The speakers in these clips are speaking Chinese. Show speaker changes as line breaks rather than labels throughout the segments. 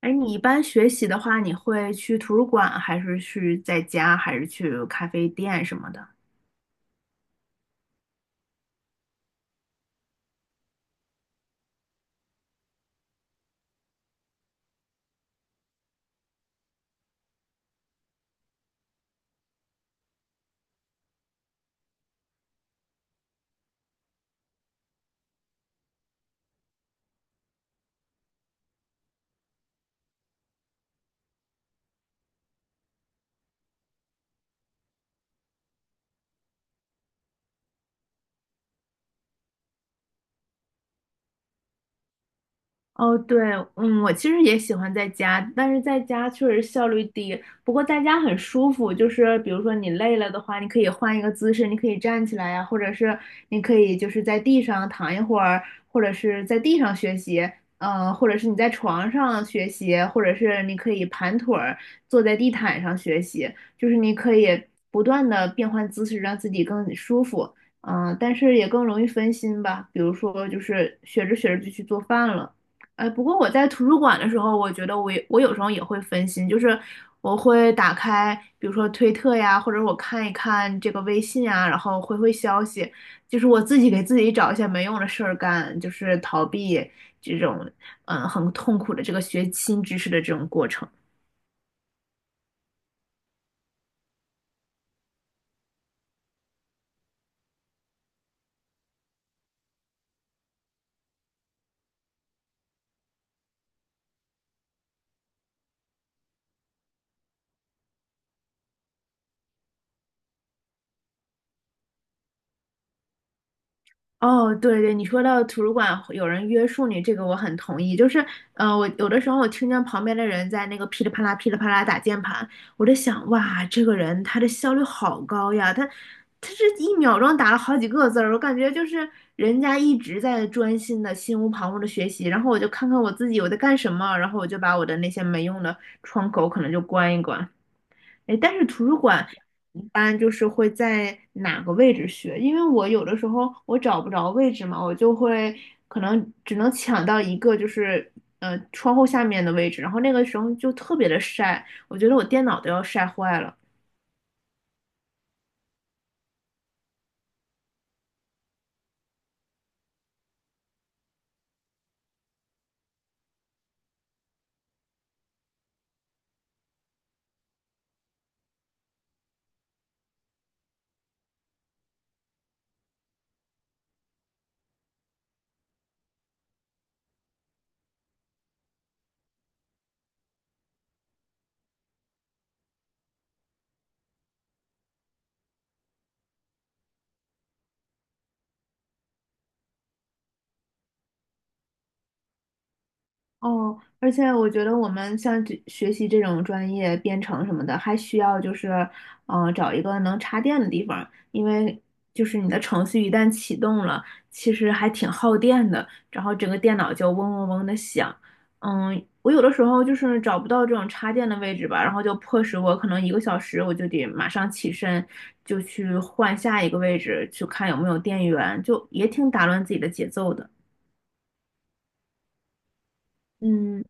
哎，你一般学习的话，你会去图书馆，还是去在家，还是去咖啡店什么的？哦，对，我其实也喜欢在家，但是在家确实效率低。不过在家很舒服，就是比如说你累了的话，你可以换一个姿势，你可以站起来呀，或者是你可以就是在地上躺一会儿，或者是在地上学习，嗯，或者是你在床上学习，或者是你可以盘腿儿坐在地毯上学习，就是你可以不断的变换姿势，让自己更舒服，但是也更容易分心吧。比如说，就是学着学着就去做饭了。不过我在图书馆的时候，我觉得我有时候也会分心，就是我会打开，比如说推特呀，或者我看一看这个微信啊，然后回回消息，就是我自己给自己找一些没用的事儿干，就是逃避这种很痛苦的这个学新知识的这种过程。哦，对对，你说到图书馆有人约束你，这个我很同意。就是，我有的时候我听见旁边的人在那个噼里啪啦、噼里啪啦打键盘，我在想，哇，这个人他的效率好高呀，他这一秒钟打了好几个字儿，我感觉就是人家一直在专心的、心无旁骛的学习。然后我就看看我自己我在干什么，然后我就把我的那些没用的窗口可能就关一关。哎，但是图书馆一般就是会在哪个位置学？因为我有的时候我找不着位置嘛，我就会可能只能抢到一个，就是窗户下面的位置，然后那个时候就特别的晒，我觉得我电脑都要晒坏了。哦，而且我觉得我们像这学习这种专业编程什么的，还需要就是，嗯，找一个能插电的地方，因为就是你的程序一旦启动了，其实还挺耗电的，然后整个电脑就嗡嗡嗡的响。嗯，我有的时候就是找不到这种插电的位置吧，然后就迫使我可能一个小时我就得马上起身，就去换下一个位置，去看有没有电源，就也挺打乱自己的节奏的。嗯。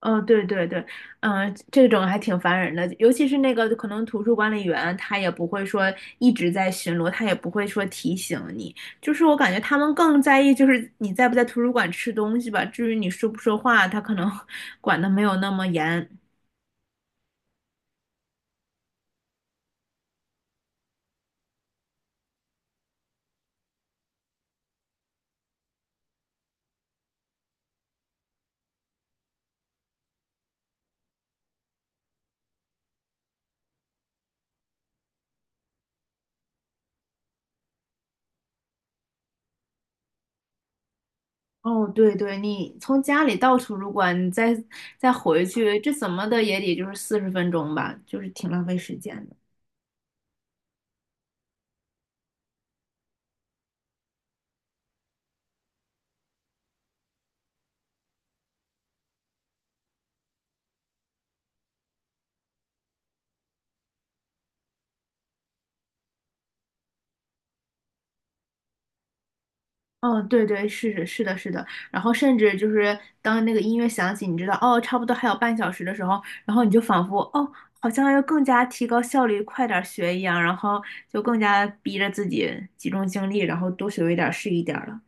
嗯，对对对，这种还挺烦人的，尤其是那个可能图书管理员，他也不会说一直在巡逻，他也不会说提醒你，就是我感觉他们更在意就是你在不在图书馆吃东西吧，至于你说不说话，他可能 管的没有那么严。哦，对对，你从家里到图书馆，你再回去，这怎么的也得就是四十分钟吧，就是挺浪费时间的。嗯，对对，是是是的，是的。然后甚至就是当那个音乐响起，你知道哦，差不多还有半小时的时候，然后你就仿佛哦，好像要更加提高效率，快点儿学一样，然后就更加逼着自己集中精力，然后多学一点儿是一点儿了。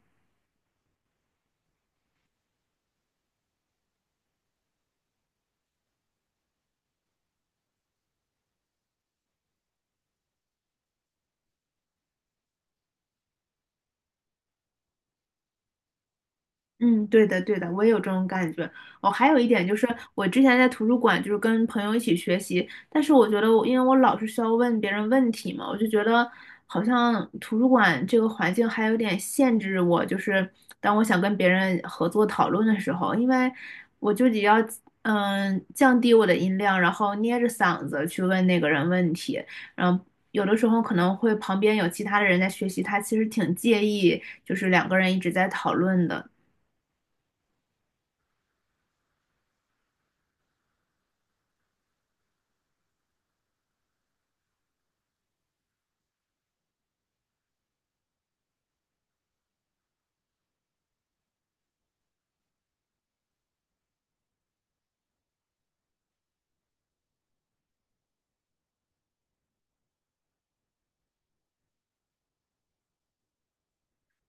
嗯，对的，对的，我也有这种感觉。我还有一点就是，我之前在图书馆就是跟朋友一起学习，但是我觉得我因为我老是需要问别人问题嘛，我就觉得好像图书馆这个环境还有点限制我，就是当我想跟别人合作讨论的时候，因为我就得要降低我的音量，然后捏着嗓子去问那个人问题，然后。有的时候可能会旁边有其他的人在学习，他其实挺介意，就是两个人一直在讨论的。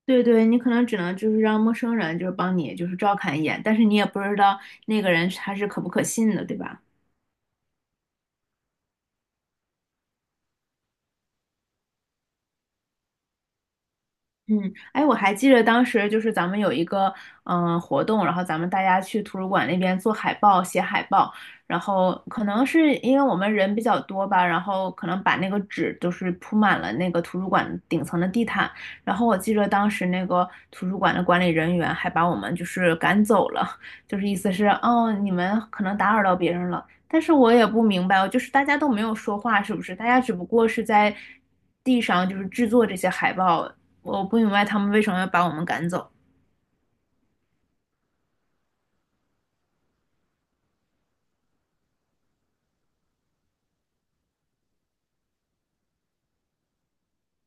对对，你可能只能就是让陌生人就是帮你就是照看一眼，但是你也不知道那个人他是可不可信的，对吧？嗯，哎，我还记得当时就是咱们有一个活动，然后咱们大家去图书馆那边做海报、写海报，然后可能是因为我们人比较多吧，然后可能把那个纸都是铺满了那个图书馆顶层的地毯，然后我记得当时那个图书馆的管理人员还把我们就是赶走了，就是意思是哦你们可能打扰到别人了，但是我也不明白，就是大家都没有说话，是不是？大家只不过是在地上就是制作这些海报。我不明白他们为什么要把我们赶走。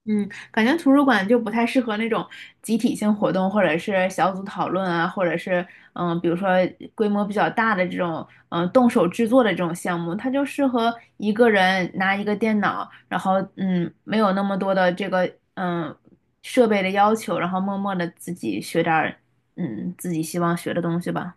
嗯，感觉图书馆就不太适合那种集体性活动，或者是小组讨论啊，或者是嗯，比如说规模比较大的这种动手制作的这种项目，它就适合一个人拿一个电脑，然后嗯，没有那么多的这个设备的要求，然后默默的自己学点儿自己希望学的东西吧。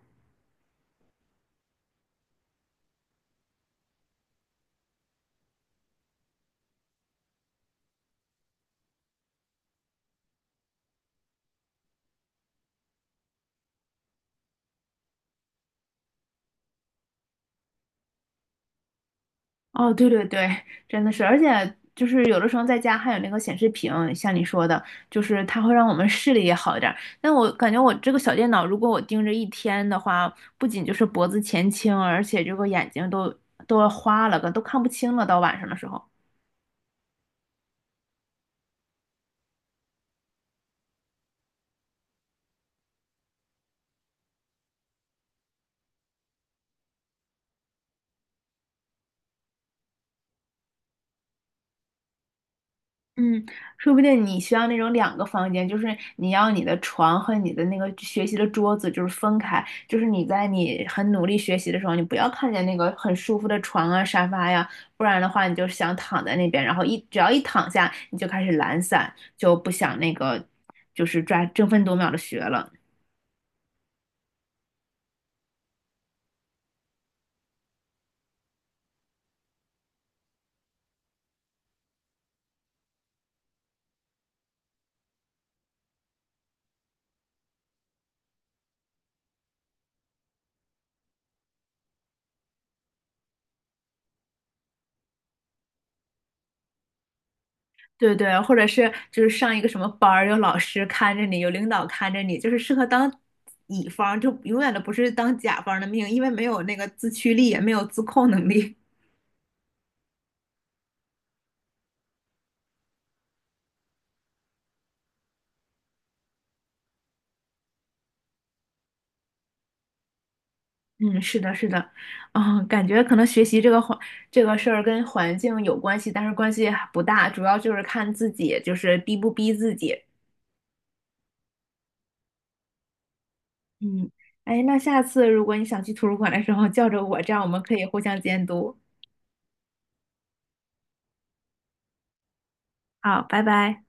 哦，对对对，真的是，而且就是有的时候在家还有那个显示屏，像你说的，就是它会让我们视力也好一点儿。但我感觉我这个小电脑，如果我盯着一天的话，不仅就是脖子前倾，而且这个眼睛都花了个，都看不清了，到晚上的时候。嗯，说不定你需要那种两个房间，就是你要你的床和你的那个学习的桌子就是分开，就是你在你很努力学习的时候，你不要看见那个很舒服的床啊、沙发呀，不然的话你就想躺在那边，然后只要一躺下，你就开始懒散，就不想那个就是抓争分夺秒的学了。对对，或者是就是上一个什么班儿，有老师看着你，有领导看着你，就是适合当乙方，就永远都不是当甲方的命，因为没有那个自驱力，也没有自控能力。嗯，是的，是的，感觉可能学习这个这个事儿跟环境有关系，但是关系还不大，主要就是看自己，就是逼不逼自己。嗯，哎，那下次如果你想去图书馆的时候，叫着我，这样我们可以互相监督。好，拜拜。